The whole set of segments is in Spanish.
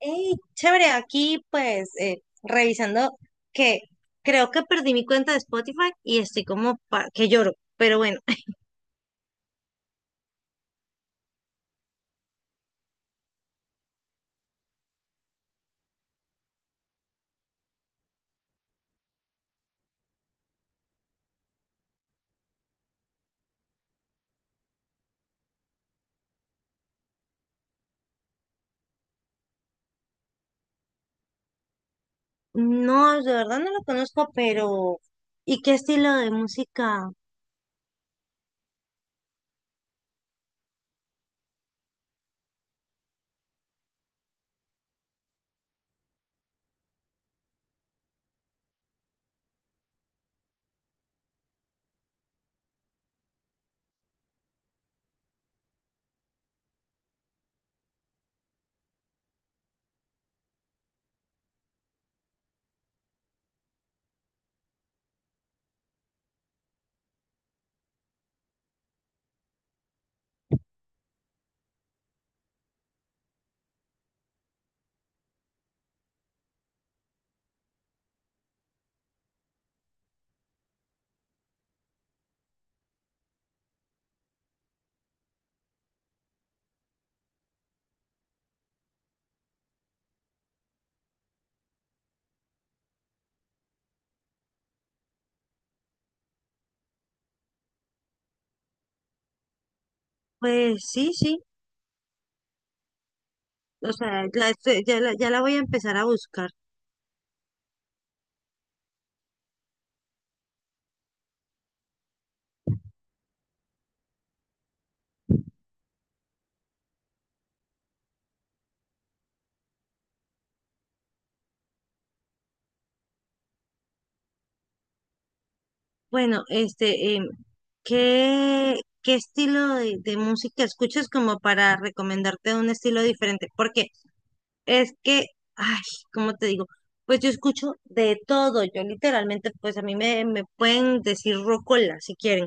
Hey, chévere, aquí pues revisando que creo que perdí mi cuenta de Spotify y estoy como que lloro, pero bueno. No, de verdad no lo conozco, pero ¿y qué estilo de música? Pues sí, sí, o sea, ya, ya la voy a empezar a buscar. Bueno, este, ¿qué, qué estilo de música escuchas como para recomendarte un estilo diferente? Porque es que, ay, ¿cómo te digo? Pues yo escucho de todo. Yo literalmente, pues a mí me pueden decir rocola si quieren,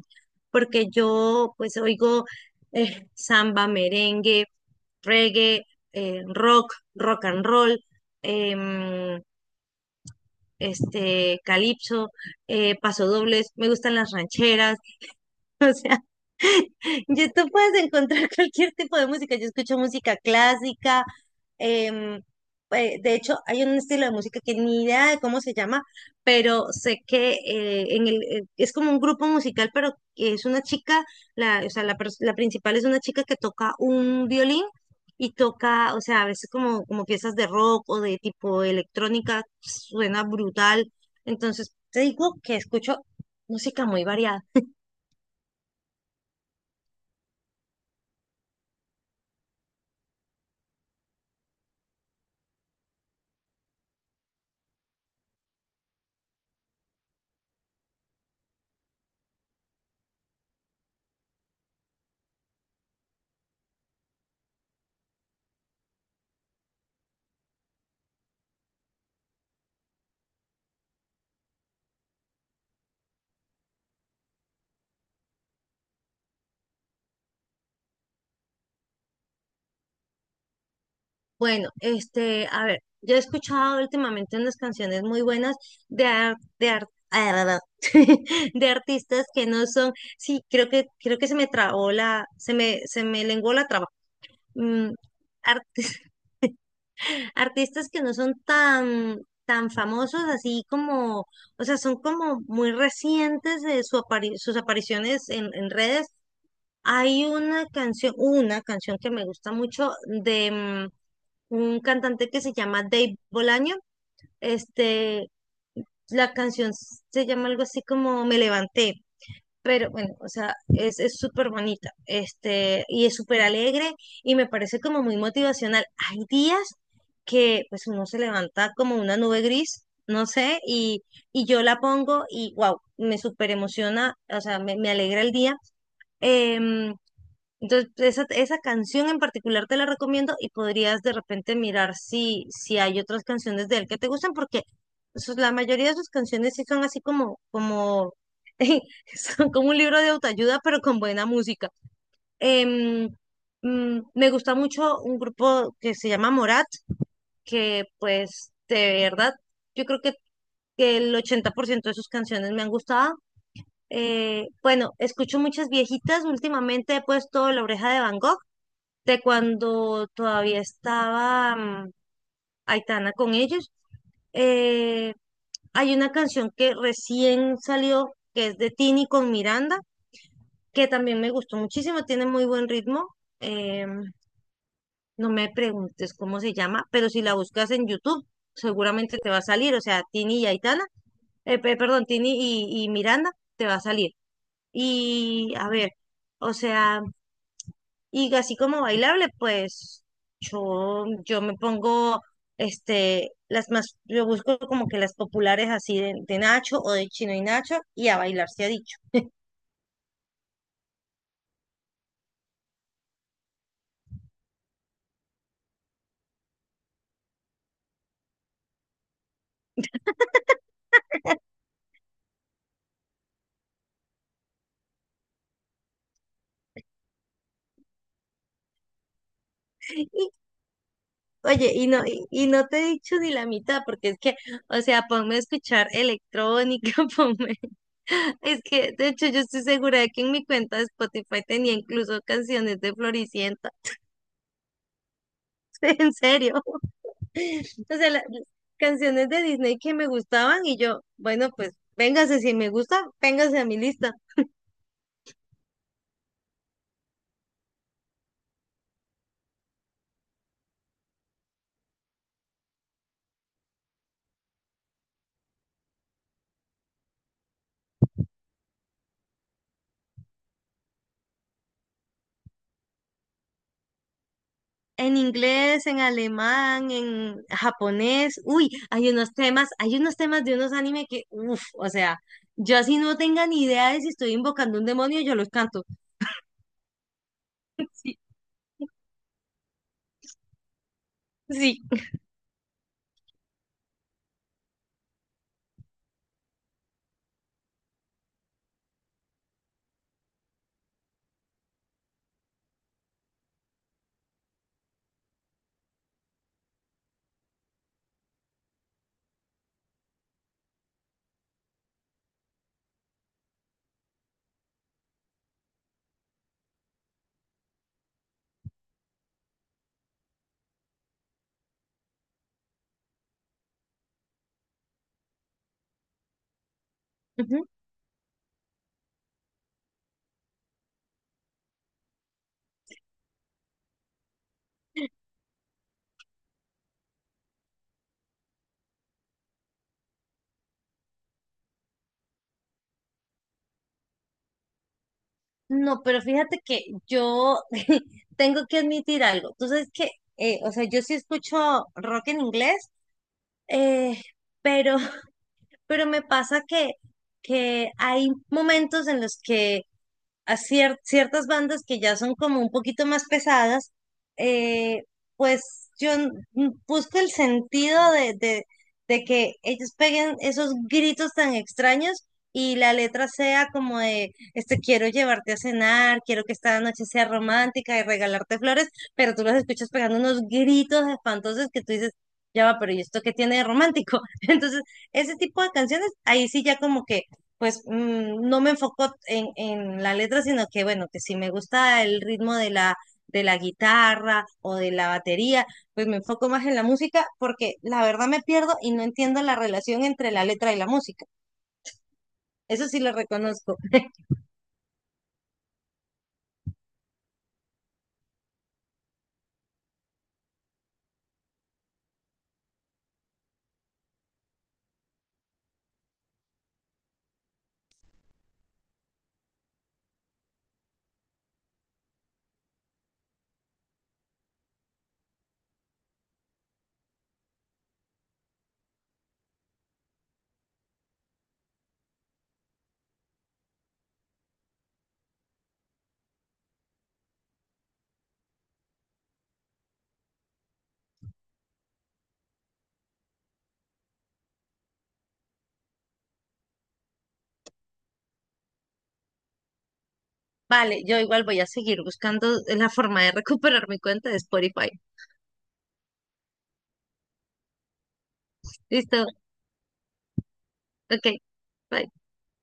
porque yo pues oigo samba, merengue, reggae, rock, rock and roll, em, este, calipso, pasodobles, me gustan las rancheras. En YouTube puedes encontrar cualquier tipo de música. Yo escucho música clásica. em, de hecho, hay un estilo de música que ni idea de cómo se llama, pero sé que en es como un grupo musical, pero es una chica, o sea, la principal es una chica que toca un violín y toca, o sea, a veces como, como piezas de rock o de tipo electrónica, suena brutal. Entonces, te digo que escucho música muy variada. Bueno, este, a ver, yo he escuchado últimamente unas canciones muy buenas de ar- de ar- de artistas que no son, sí, creo que se me trabó se me lenguó la traba. Mm, artis- artistas que no son tan tan famosos así como, o sea, son como muy recientes de su sus apariciones en redes. Hay una canción que me gusta mucho un cantante que se llama Dave Bolaño. Este, la canción se llama algo así como Me Levanté, pero bueno, o sea, es súper bonita, este, y es súper alegre y me parece como muy motivacional. Hay días que pues uno se levanta como una nube gris, no sé, y yo la pongo y wow, me súper emociona, o sea, me alegra el día. Em, entonces, esa canción en particular te la recomiendo y podrías de repente mirar si, si hay otras canciones de él que te gustan, porque la mayoría de sus canciones sí son así como, como, son como un libro de autoayuda, pero con buena música. Em, Me gusta mucho un grupo que se llama Morat, que pues de verdad, yo creo que el 80% de sus canciones me han gustado. Bueno, escucho muchas viejitas. Últimamente he puesto La Oreja de Van Gogh de cuando todavía estaba Aitana con ellos. Eh, Hay una canción que recién salió, que es de Tini con Miranda, que también me gustó muchísimo, tiene muy buen ritmo. Eh, no me preguntes cómo se llama, pero si la buscas en YouTube, seguramente te va a salir. O sea, Tini y Aitana, perdón, Tini y Miranda, te va a salir. Y a ver, o sea, y así como bailable, pues yo me pongo este, yo busco como que las populares así de Nacho o de Chino y Nacho y a bailar se ha dicho. Y- Oye, y no te he dicho ni la mitad, porque es que, o sea, ponme a escuchar electrónica, ponme. Es que, de hecho, yo estoy segura de que en mi cuenta de Spotify tenía incluso canciones de Floricienta. En serio. O sea, las canciones de Disney que me gustaban y yo, bueno, pues véngase, si me gusta, véngase a mi lista. En inglés, en alemán, en japonés. Uy, hay unos temas de unos anime que, uff, o sea, yo así no tenga ni idea de si estoy invocando un demonio, yo los canto. Sí, sí. No, pero fíjate que yo tengo que admitir algo. Tú sabes que, o sea, yo sí escucho rock en inglés, eh, pero, pero me pasa que hay momentos en los que a ciertas bandas que ya son como un poquito más pesadas, eh, pues yo busco el sentido de, de que ellos peguen esos gritos tan extraños y la letra sea como de, este, quiero llevarte a cenar, quiero que esta noche sea romántica y regalarte flores, pero tú los escuchas pegando unos gritos espantosos que tú dices, ya va, pero ¿y esto qué tiene de romántico? Entonces, ese tipo de canciones, ahí sí ya como que pues no me enfoco en la letra, sino que bueno, que si me gusta el ritmo de la guitarra o de la batería, pues me enfoco más en la música porque la verdad me pierdo y no entiendo la relación entre la letra y la música. Eso sí lo reconozco. Vale, yo igual voy a seguir buscando la forma de recuperar mi cuenta de Spotify. Listo, ok. Bye.